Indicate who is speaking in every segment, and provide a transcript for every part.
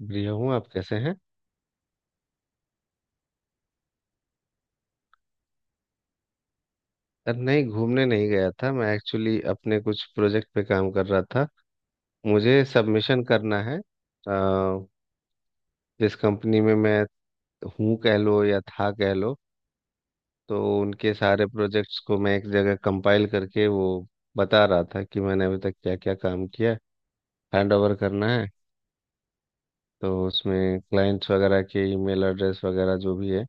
Speaker 1: बढ़िया हूँ। आप कैसे हैं? अरे नहीं, घूमने नहीं गया था। मैं एक्चुअली अपने कुछ प्रोजेक्ट पे काम कर रहा था। मुझे सबमिशन करना है। अ, जिस कंपनी में मैं हूँ, कह लो, या था कह लो। तो उनके सारे प्रोजेक्ट्स को मैं एक जगह कंपाइल करके वो बता रहा था कि मैंने अभी तक क्या क्या काम किया। हैंड ओवर करना है। तो उसमें क्लाइंट्स वगैरह के ईमेल एड्रेस वगैरह जो भी है,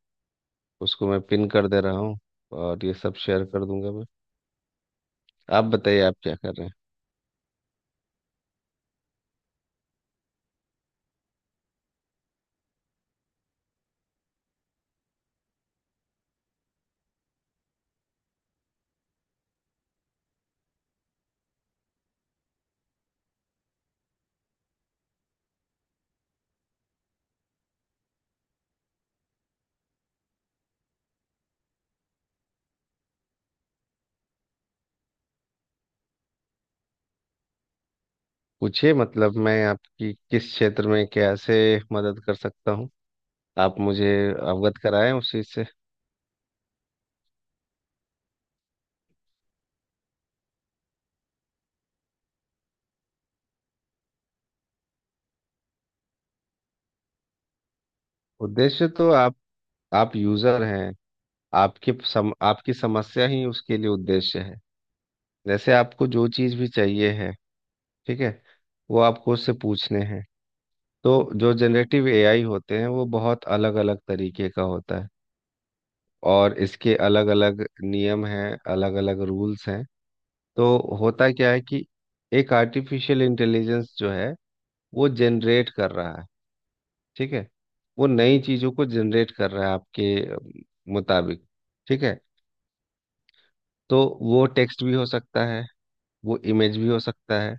Speaker 1: उसको मैं पिन कर दे रहा हूँ, और ये सब शेयर कर दूंगा मैं। आप बताइए, आप क्या कर रहे हैं? पूछिए, मतलब मैं आपकी किस क्षेत्र में कैसे मदद कर सकता हूँ। आप मुझे अवगत कराएं उस चीज से। उद्देश्य तो आप यूजर हैं। आपकी समस्या ही उसके लिए उद्देश्य है। जैसे आपको जो चीज भी चाहिए है, ठीक है, वो आपको उससे पूछने हैं। तो जो जनरेटिव एआई होते हैं वो बहुत अलग अलग तरीके का होता है, और इसके अलग अलग नियम हैं, अलग अलग रूल्स हैं। तो होता क्या है कि एक आर्टिफिशियल इंटेलिजेंस जो है, वो जनरेट कर रहा है। ठीक है, वो नई चीजों को जनरेट कर रहा है आपके अम, मुताबिक। ठीक है, तो वो टेक्स्ट भी हो सकता है, वो इमेज भी हो सकता है,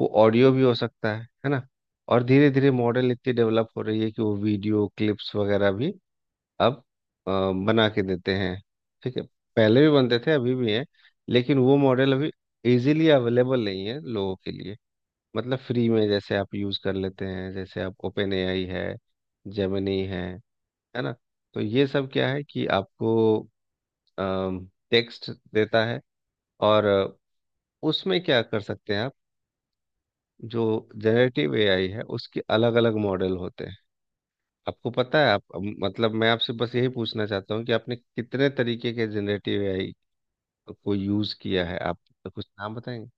Speaker 1: वो ऑडियो भी हो सकता है ना। और धीरे धीरे मॉडल इतनी डेवलप हो रही है कि वो वीडियो क्लिप्स वगैरह भी अब अ, बना के देते हैं। ठीक है, पहले भी बनते थे अभी भी हैं, लेकिन वो मॉडल अभी इजीली अवेलेबल नहीं है लोगों के लिए। मतलब फ्री में जैसे आप यूज़ कर लेते हैं, जैसे आप ओपन एआई है, जेमिनी है ना। तो ये सब क्या है कि आपको टेक्स्ट देता है, और उसमें क्या कर सकते हैं आप। जो जनरेटिव एआई है, उसके अलग अलग मॉडल होते हैं। आपको पता है आप, मतलब मैं आपसे बस यही पूछना चाहता हूँ कि आपने कितने तरीके के जनरेटिव एआई को यूज़ किया है। आप कुछ नाम बताएंगे?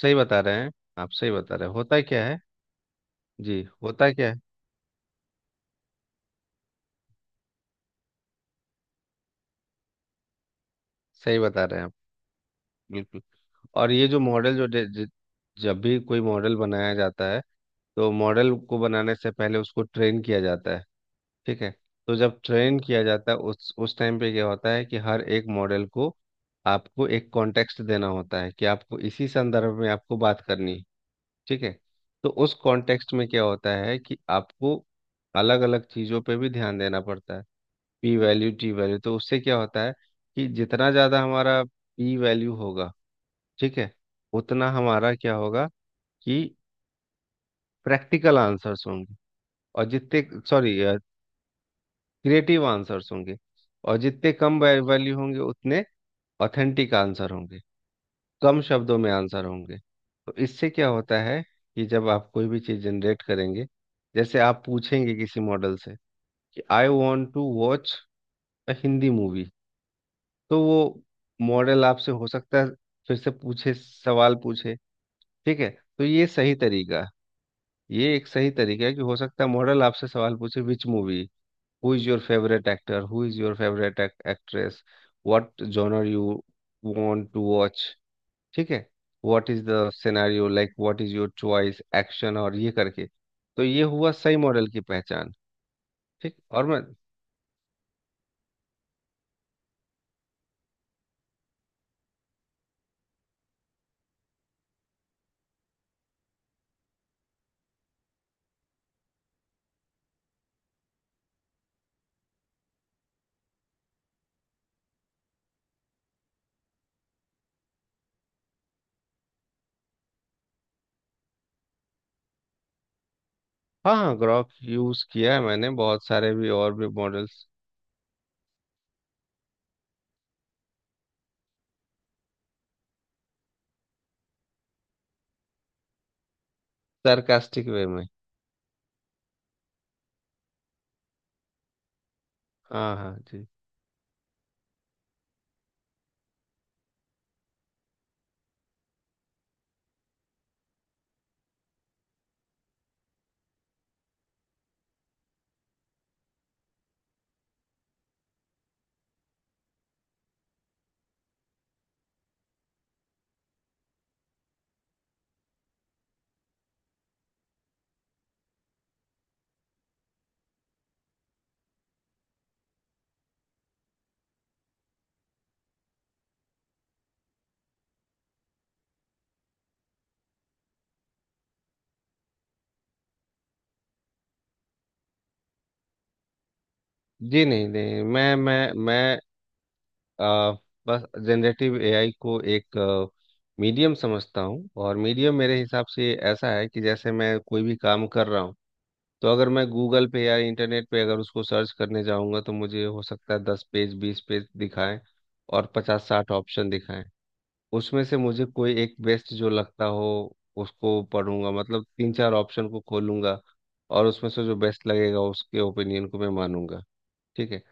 Speaker 1: सही बता रहे हैं आप। सही बता रहे हैं, होता क्या है, जी, होता क्या है, सही बता रहे हैं आप, बिल्कुल। और ये जो मॉडल जब भी कोई मॉडल बनाया जाता है, तो मॉडल को बनाने से पहले उसको ट्रेन किया जाता है। ठीक है, तो जब ट्रेन किया जाता है, उस टाइम पे क्या होता है कि हर एक मॉडल को आपको एक कॉन्टेक्स्ट देना होता है कि आपको इसी संदर्भ में आपको बात करनी है। ठीक है, तो उस कॉन्टेक्स्ट में क्या होता है कि आपको अलग अलग चीज़ों पे भी ध्यान देना पड़ता है। पी वैल्यू, टी वैल्यू, तो उससे क्या होता है कि जितना ज़्यादा हमारा पी वैल्यू होगा, ठीक है, उतना हमारा क्या होगा, कि प्रैक्टिकल आंसर्स होंगे, और जितने, सॉरी, क्रिएटिव आंसर्स होंगे। और जितने कम वैल्यू होंगे, उतने ऑथेंटिक आंसर होंगे, कम शब्दों में आंसर होंगे। तो इससे क्या होता है कि जब आप कोई भी चीज़ जनरेट करेंगे, जैसे आप पूछेंगे किसी मॉडल से कि "I want to watch a Hindi movie", तो वो मॉडल आपसे हो सकता है फिर से पूछे, सवाल पूछे। ठीक है, तो ये सही तरीका है। ये एक सही तरीका है कि हो सकता है मॉडल आपसे सवाल पूछे, "which movie? Who is your favourite actor? Who is your favourite actress? What genre you want to watch?" ठीक है, "what is the scenario like? What is your choice? Action?" और ये करके, तो ये हुआ सही मॉडल की पहचान। ठीक, और मैं, हाँ हाँ, ग्ok यूज किया है, मैंने बहुत सारे भी और भी मॉडल्स। सरकास्टिक वे में। हाँ हाँ जी। जी नहीं नहीं, मैं आ, बस जनरेटिव एआई को एक मीडियम समझता हूँ। और मीडियम मेरे हिसाब से ऐसा है कि जैसे मैं कोई भी काम कर रहा हूँ, तो अगर मैं गूगल पे या इंटरनेट पे अगर उसको सर्च करने जाऊँगा, तो मुझे हो सकता है 10 पेज 20 पेज दिखाएं, और 50-60 ऑप्शन दिखाएं। उसमें से मुझे कोई एक बेस्ट जो लगता हो, उसको पढ़ूंगा, मतलब तीन चार ऑप्शन को खोलूंगा। और उसमें से जो बेस्ट लगेगा, उसके ओपिनियन को मैं मानूंगा। ठीक है,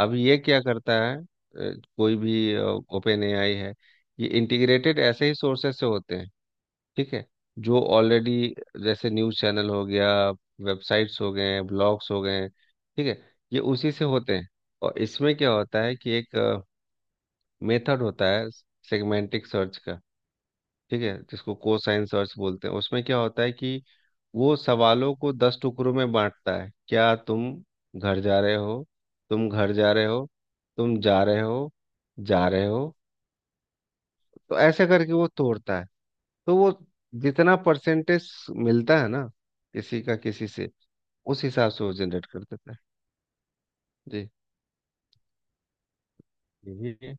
Speaker 1: अब ये क्या करता है, कोई भी ओपन एआई है, ये इंटीग्रेटेड ऐसे ही सोर्सेस से होते हैं। ठीक है, जो ऑलरेडी, जैसे न्यूज़ चैनल हो गया, वेबसाइट्स हो गए, ब्लॉग्स हो गए, ठीक है, ये उसी से होते हैं। और इसमें क्या होता है कि एक मेथड होता है, सेगमेंटिक सर्च का। ठीक है, जिसको कोसाइन सर्च बोलते हैं। उसमें क्या होता है कि वो सवालों को 10 टुकड़ों में बांटता है। "क्या तुम घर जा रहे हो", "तुम घर जा रहे हो", "तुम जा रहे हो", "जा रहे हो"। तो ऐसे करके वो तोड़ता है। तो वो जितना परसेंटेज मिलता है ना किसी का किसी से, उस हिसाब से वो जनरेट कर देता है। जी, यही है।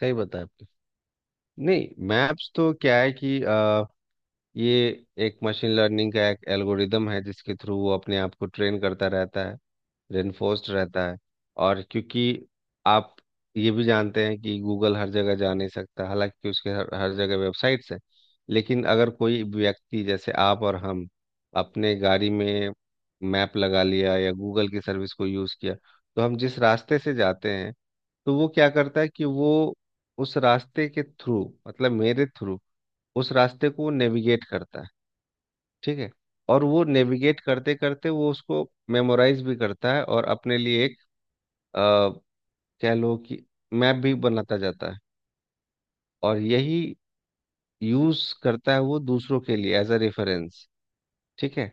Speaker 1: सही बताया आपने। नहीं, मैप्स तो क्या है कि ये एक मशीन लर्निंग का एक एल्गोरिदम है, जिसके थ्रू वो अपने आप को ट्रेन करता रहता है, रेनफोर्स्ड रहता है। और क्योंकि आप ये भी जानते हैं कि गूगल हर जगह जा नहीं सकता, हालांकि उसके हर जगह वेबसाइट्स हैं, लेकिन अगर कोई व्यक्ति जैसे आप और हम अपने गाड़ी में मैप लगा लिया या गूगल की सर्विस को यूज़ किया, तो हम जिस रास्ते से जाते हैं, तो वो क्या करता है कि वो उस रास्ते के थ्रू, मतलब मेरे थ्रू उस रास्ते को नेविगेट करता है। ठीक है, और वो नेविगेट करते करते, वो उसको मेमोराइज भी करता है और अपने लिए एक अ, कह लो कि मैप भी बनाता जाता है। और यही यूज करता है वो दूसरों के लिए एज अ रेफरेंस। ठीक है,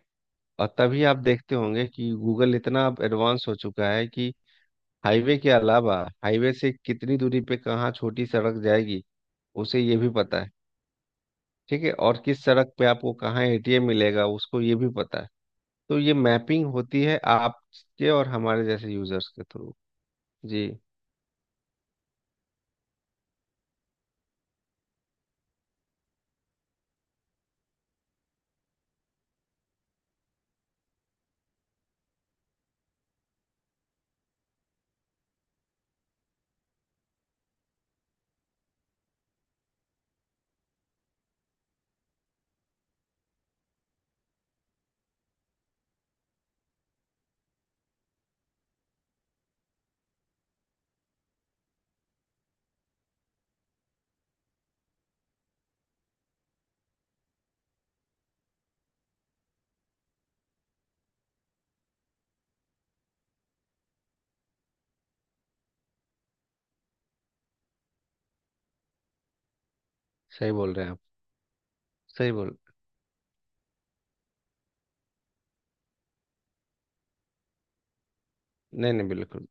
Speaker 1: और तभी आप देखते होंगे कि गूगल इतना अब एडवांस हो चुका है कि हाईवे के अलावा, हाईवे से कितनी दूरी पे कहाँ छोटी सड़क जाएगी, उसे ये भी पता है। ठीक है, और किस सड़क पे आपको कहाँ एटीएम मिलेगा, उसको ये भी पता है। तो ये मैपिंग होती है आपके और हमारे जैसे यूजर्स के थ्रू। जी, सही बोल रहे हैं आप। सही बोल, नहीं नहीं, बिल्कुल।